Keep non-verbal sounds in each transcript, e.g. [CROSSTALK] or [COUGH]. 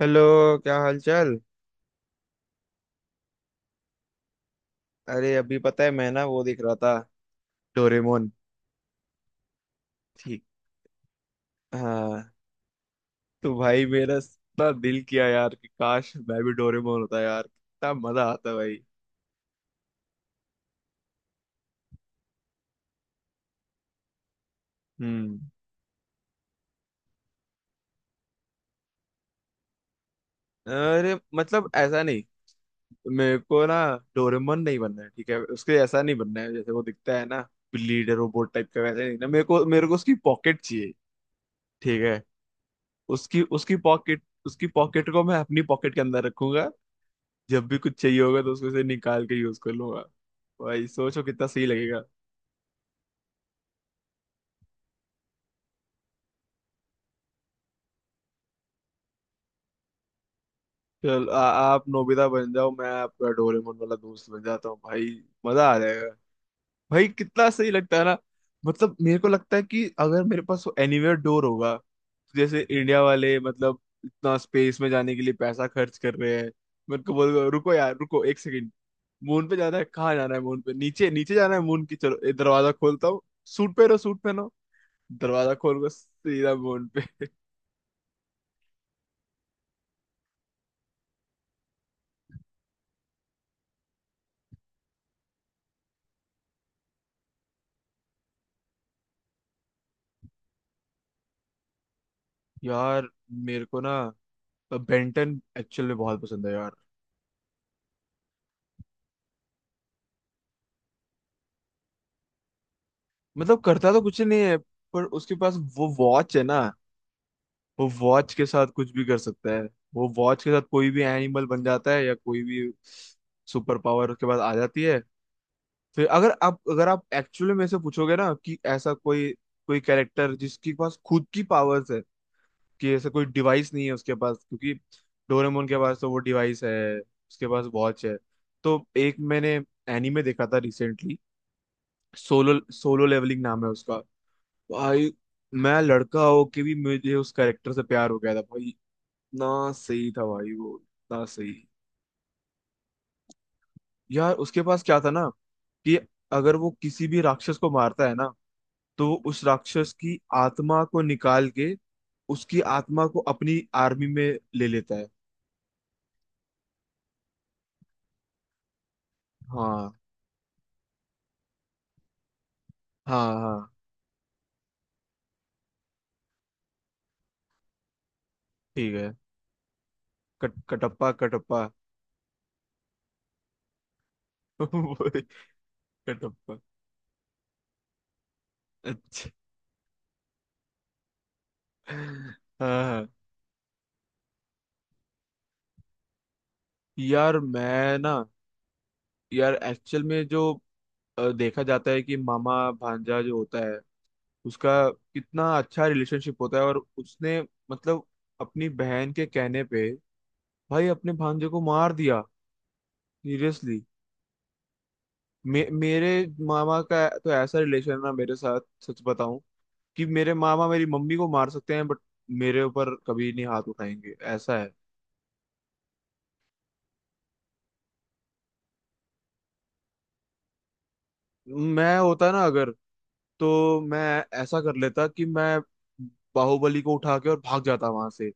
Hello. क्या हाल चाल। अरे अभी पता है मैं ना वो देख रहा था डोरेमोन। ठीक। हाँ। तो भाई मेरा इतना दिल किया यार कि काश मैं भी डोरेमोन होता यार। कितना मजा आता भाई। हम्म। अरे मतलब ऐसा नहीं। मेरे को ना डोरेमोन नहीं बनना है, ठीक है, उसके ऐसा नहीं बनना है जैसे वो दिखता है ना। लीडर रोबोट टाइप का वैसे नहीं ना। मेरे को उसकी पॉकेट चाहिए। ठीक है। उसकी उसकी पॉकेट, उसकी पॉकेट को मैं अपनी पॉकेट के अंदर रखूंगा। जब भी कुछ चाहिए होगा तो उसको से निकाल के यूज कर लूंगा। भाई सोचो कितना सही लगेगा। चल आ, आप नोबिता बन जाओ, मैं आपका डोरेमोन वाला दोस्त बन जाता हूँ भाई। मजा आ जाएगा। भाई कितना सही लगता है ना। मतलब मेरे को लगता है कि अगर मेरे पास वो एनीवेयर डोर होगा तो जैसे इंडिया वाले, मतलब इतना स्पेस में जाने के लिए पैसा खर्च कर रहे हैं। मेरे को बोल रुको यार, रुको एक सेकंड। मून पे जाना है? कहाँ जाना है? मून पे नीचे नीचे जाना है मून की। चलो ये दरवाजा खोलता हूँ। सूट पहनो, सूट पहनो। दरवाजा खोल के सीधा मोन पे। यार मेरे को ना बेंटन एक्चुअल में बहुत पसंद है यार। मतलब करता तो कुछ नहीं है, पर उसके पास वो वॉच है ना। वो वॉच के साथ कुछ भी कर सकता है। वो वॉच के साथ कोई भी एनिमल बन जाता है या कोई भी सुपर पावर उसके पास आ जाती है। फिर अगर आप एक्चुअली मेरे से पूछोगे ना कि ऐसा कोई कोई कैरेक्टर जिसके पास खुद की पावर्स है, कि ऐसा कोई डिवाइस नहीं है उसके पास, क्योंकि डोरेमोन के पास तो वो डिवाइस है, उसके पास वॉच है। तो एक मैंने एनीमे देखा था रिसेंटली। सोलो सोलो लेवलिंग नाम है उसका। भाई मैं लड़का हो के भी मुझे उस कैरेक्टर से प्यार हो गया था भाई। इतना सही था भाई, वो इतना सही। यार उसके पास क्या था ना, कि अगर वो किसी भी राक्षस को मारता है ना तो उस राक्षस की आत्मा को निकाल के उसकी आत्मा को अपनी आर्मी में ले लेता है। हाँ। हाँ हाँ। ठीक है। कट कटप्पा, कटप्पा। [LAUGHS] वही, कटप्पा। अच्छा। हाँ हाँ। यार मैं ना, यार एक्चुअल में जो देखा जाता है कि मामा भांजा जो होता है, उसका कितना अच्छा रिलेशनशिप होता है। और उसने, मतलब अपनी बहन के कहने पे भाई अपने भांजे को मार दिया। सीरियसली। मेरे मामा का तो ऐसा रिलेशन है ना मेरे साथ। सच बताऊं, कि मेरे मामा मेरी मम्मी को मार सकते हैं बट मेरे ऊपर कभी नहीं हाथ उठाएंगे, ऐसा है। मैं होता ना अगर, तो मैं ऐसा कर लेता कि मैं बाहुबली को उठा के और भाग जाता वहां से।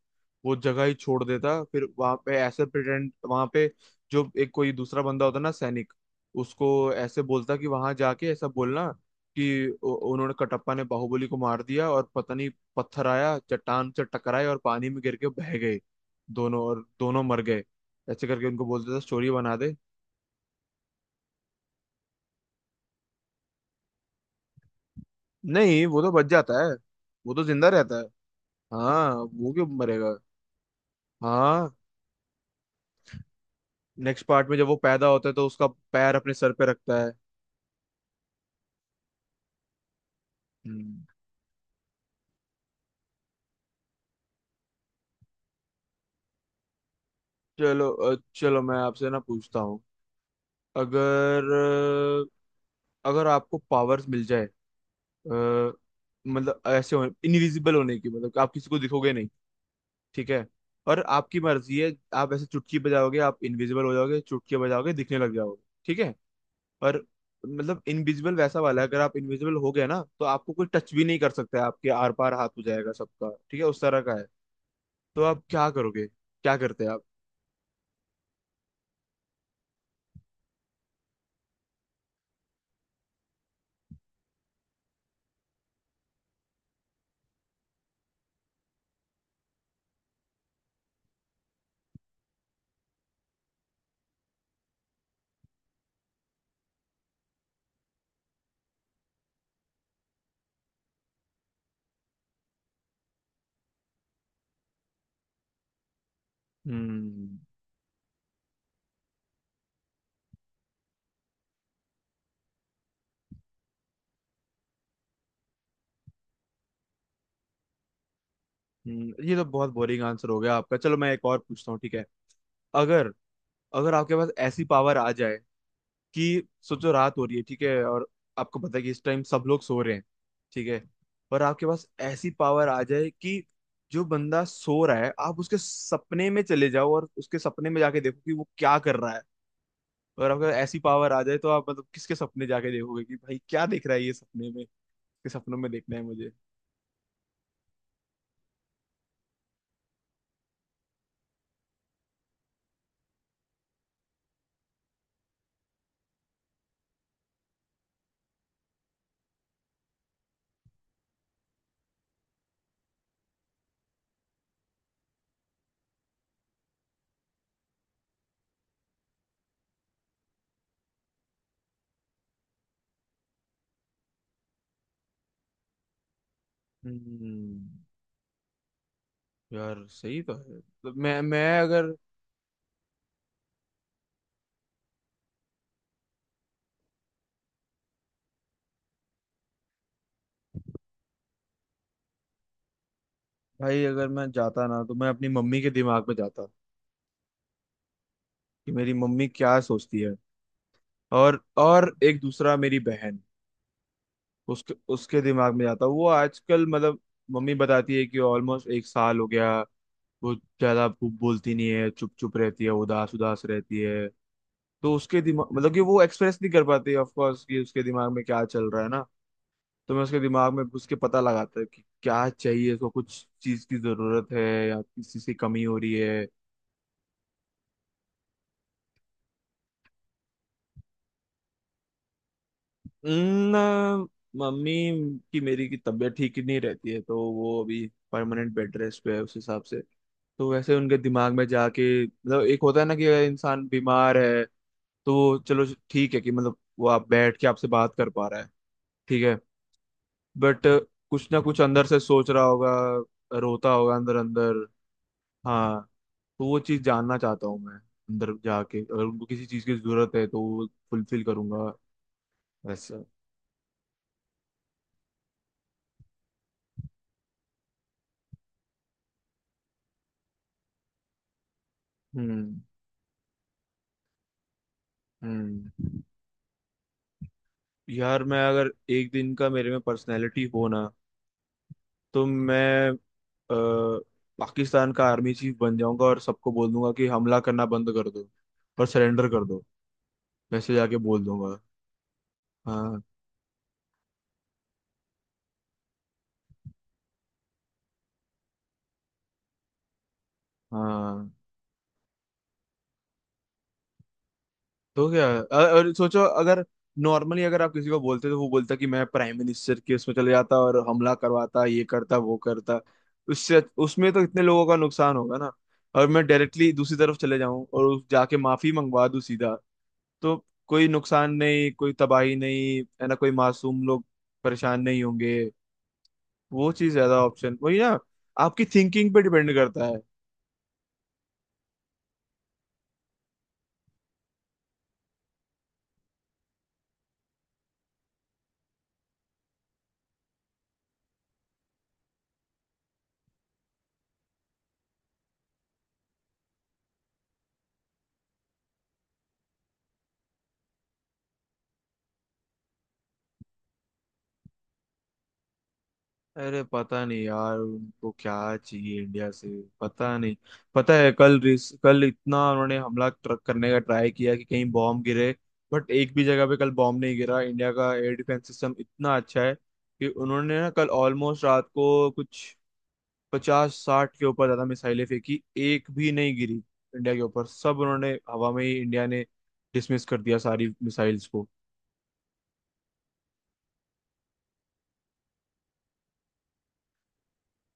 वो जगह ही छोड़ देता। फिर वहां पे ऐसे प्रिटेंड, वहां पे जो एक कोई दूसरा बंदा होता ना सैनिक, उसको ऐसे बोलता कि वहां जाके ऐसा बोलना कि उन्होंने कटप्पा ने बाहुबली को मार दिया और पता नहीं, पत्थर आया चट्टान से टकराए और पानी में गिर के बह गए दोनों, और दोनों मर गए। ऐसे करके उनको बोलते थे स्टोरी बना दे। नहीं, वो तो बच जाता है। वो तो जिंदा रहता है। हाँ। वो क्यों मरेगा? हाँ। नेक्स्ट पार्ट में जब वो पैदा होता है तो उसका पैर अपने सर पे रखता है। हम्म। चलो चलो मैं आपसे ना पूछता हूँ। अगर अगर आपको पावर्स मिल जाए, अ, मतलब ऐसे हो इनविजिबल होने की, मतलब कि आप किसी को दिखोगे नहीं, ठीक है। और आपकी मर्जी है, आप ऐसे चुटकी बजाओगे आप इनविजिबल हो जाओगे, चुटकी बजाओगे दिखने लग जाओगे, ठीक है। पर मतलब इनविजिबल वैसा वाला है, अगर आप इनविजिबल हो गए ना तो आपको कोई टच भी नहीं कर सकता है, आपके आर पार हाथ हो जाएगा सबका, ठीक है उस तरह का है। तो आप क्या करोगे? क्या करते आप? हम्म, ये तो बहुत बोरिंग आंसर हो गया आपका। चलो मैं एक और पूछता हूँ, ठीक है। अगर अगर आपके पास ऐसी पावर आ जाए कि सोचो रात हो रही है, ठीक है, और आपको पता है कि इस टाइम सब लोग सो रहे हैं, ठीक है। पर आपके पास ऐसी पावर आ जाए कि जो बंदा सो रहा है आप उसके सपने में चले जाओ और उसके सपने में जाके देखो कि वो क्या कर रहा है। और अगर ऐसी पावर आ जाए तो आप मतलब किसके सपने जाके देखोगे कि भाई क्या देख रहा है ये सपने में। इसके सपनों में देखना है मुझे। हम्म। यार सही तो है। तो मैं अगर, भाई अगर मैं जाता ना तो मैं अपनी मम्मी के दिमाग में जाता कि मेरी मम्मी क्या सोचती है। और एक दूसरा मेरी बहन, उसके उसके दिमाग में जाता। वो आजकल मतलब, मम्मी बताती है कि ऑलमोस्ट एक साल हो गया, वो ज्यादा बोलती नहीं है, चुप चुप रहती है, उदास उदास रहती है। तो उसके दिमाग, मतलब कि वो एक्सप्रेस नहीं कर पाती ऑफ कोर्स कि उसके दिमाग में क्या चल रहा है ना। तो मैं उसके दिमाग में घुस के पता लगाता है कि क्या चाहिए उसको, कुछ चीज की जरूरत है या किसी से कमी हो रही है। ना। मम्मी की, मेरी की तबीयत ठीक ही नहीं रहती है, तो वो अभी परमानेंट बेड रेस्ट पे है उस हिसाब से। तो वैसे उनके दिमाग में जाके, मतलब एक होता है ना कि अगर इंसान बीमार है तो चलो ठीक है, कि मतलब वो आप बैठ के आपसे बात कर पा रहा है, ठीक है। बट कुछ ना कुछ अंदर से सोच रहा होगा, रोता होगा अंदर अंदर। हाँ। तो वो चीज़ जानना चाहता हूँ मैं अंदर जाके, अगर उनको किसी चीज़ की जरूरत है तो वो फुलफिल करूंगा, वैसा। हम्म, हम्म। यार मैं अगर एक दिन का मेरे में पर्सनैलिटी हो ना, तो मैं अ, पाकिस्तान का आर्मी चीफ बन जाऊंगा और सबको बोल दूंगा कि हमला करना बंद कर दो और सरेंडर कर दो। वैसे जाके बोल दूंगा। हाँ हाँ। तो क्या और सोचो, अगर नॉर्मली अगर आप किसी को बोलते तो वो बोलता कि मैं प्राइम मिनिस्टर के उसमें चले जाता और हमला करवाता, ये करता वो करता। उससे उसमें तो इतने लोगों का नुकसान होगा ना। और मैं डायरेक्टली दूसरी तरफ चले जाऊं और जाके माफी मंगवा दूं सीधा। तो कोई नुकसान नहीं, कोई तबाही नहीं है ना, कोई मासूम लोग परेशान नहीं होंगे। वो चीज ज्यादा ऑप्शन वही ना, आपकी थिंकिंग पे डिपेंड करता है। अरे पता नहीं यार उनको क्या चाहिए इंडिया से। पता नहीं। पता है कल, कल इतना उन्होंने हमला करने का ट्राई किया कि कहीं बॉम्ब गिरे। बट एक भी जगह पे कल बॉम्ब नहीं गिरा। इंडिया का एयर डिफेंस सिस्टम इतना अच्छा है कि उन्होंने ना कल ऑलमोस्ट रात को कुछ 50-60 के ऊपर ज्यादा मिसाइलें फेंकी, एक भी नहीं गिरी। इंडिया के ऊपर सब उन्होंने हवा में ही, इंडिया ने डिसमिस कर दिया सारी मिसाइल्स को।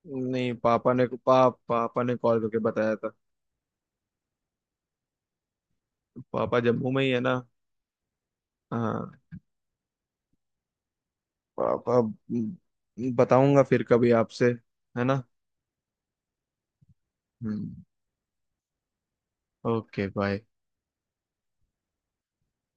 नहीं पापा ने, पापा ने कॉल करके बताया था। पापा जम्मू में ही है ना। हाँ। पापा बताऊंगा फिर कभी आपसे, है ना। हम्म। Okay bye.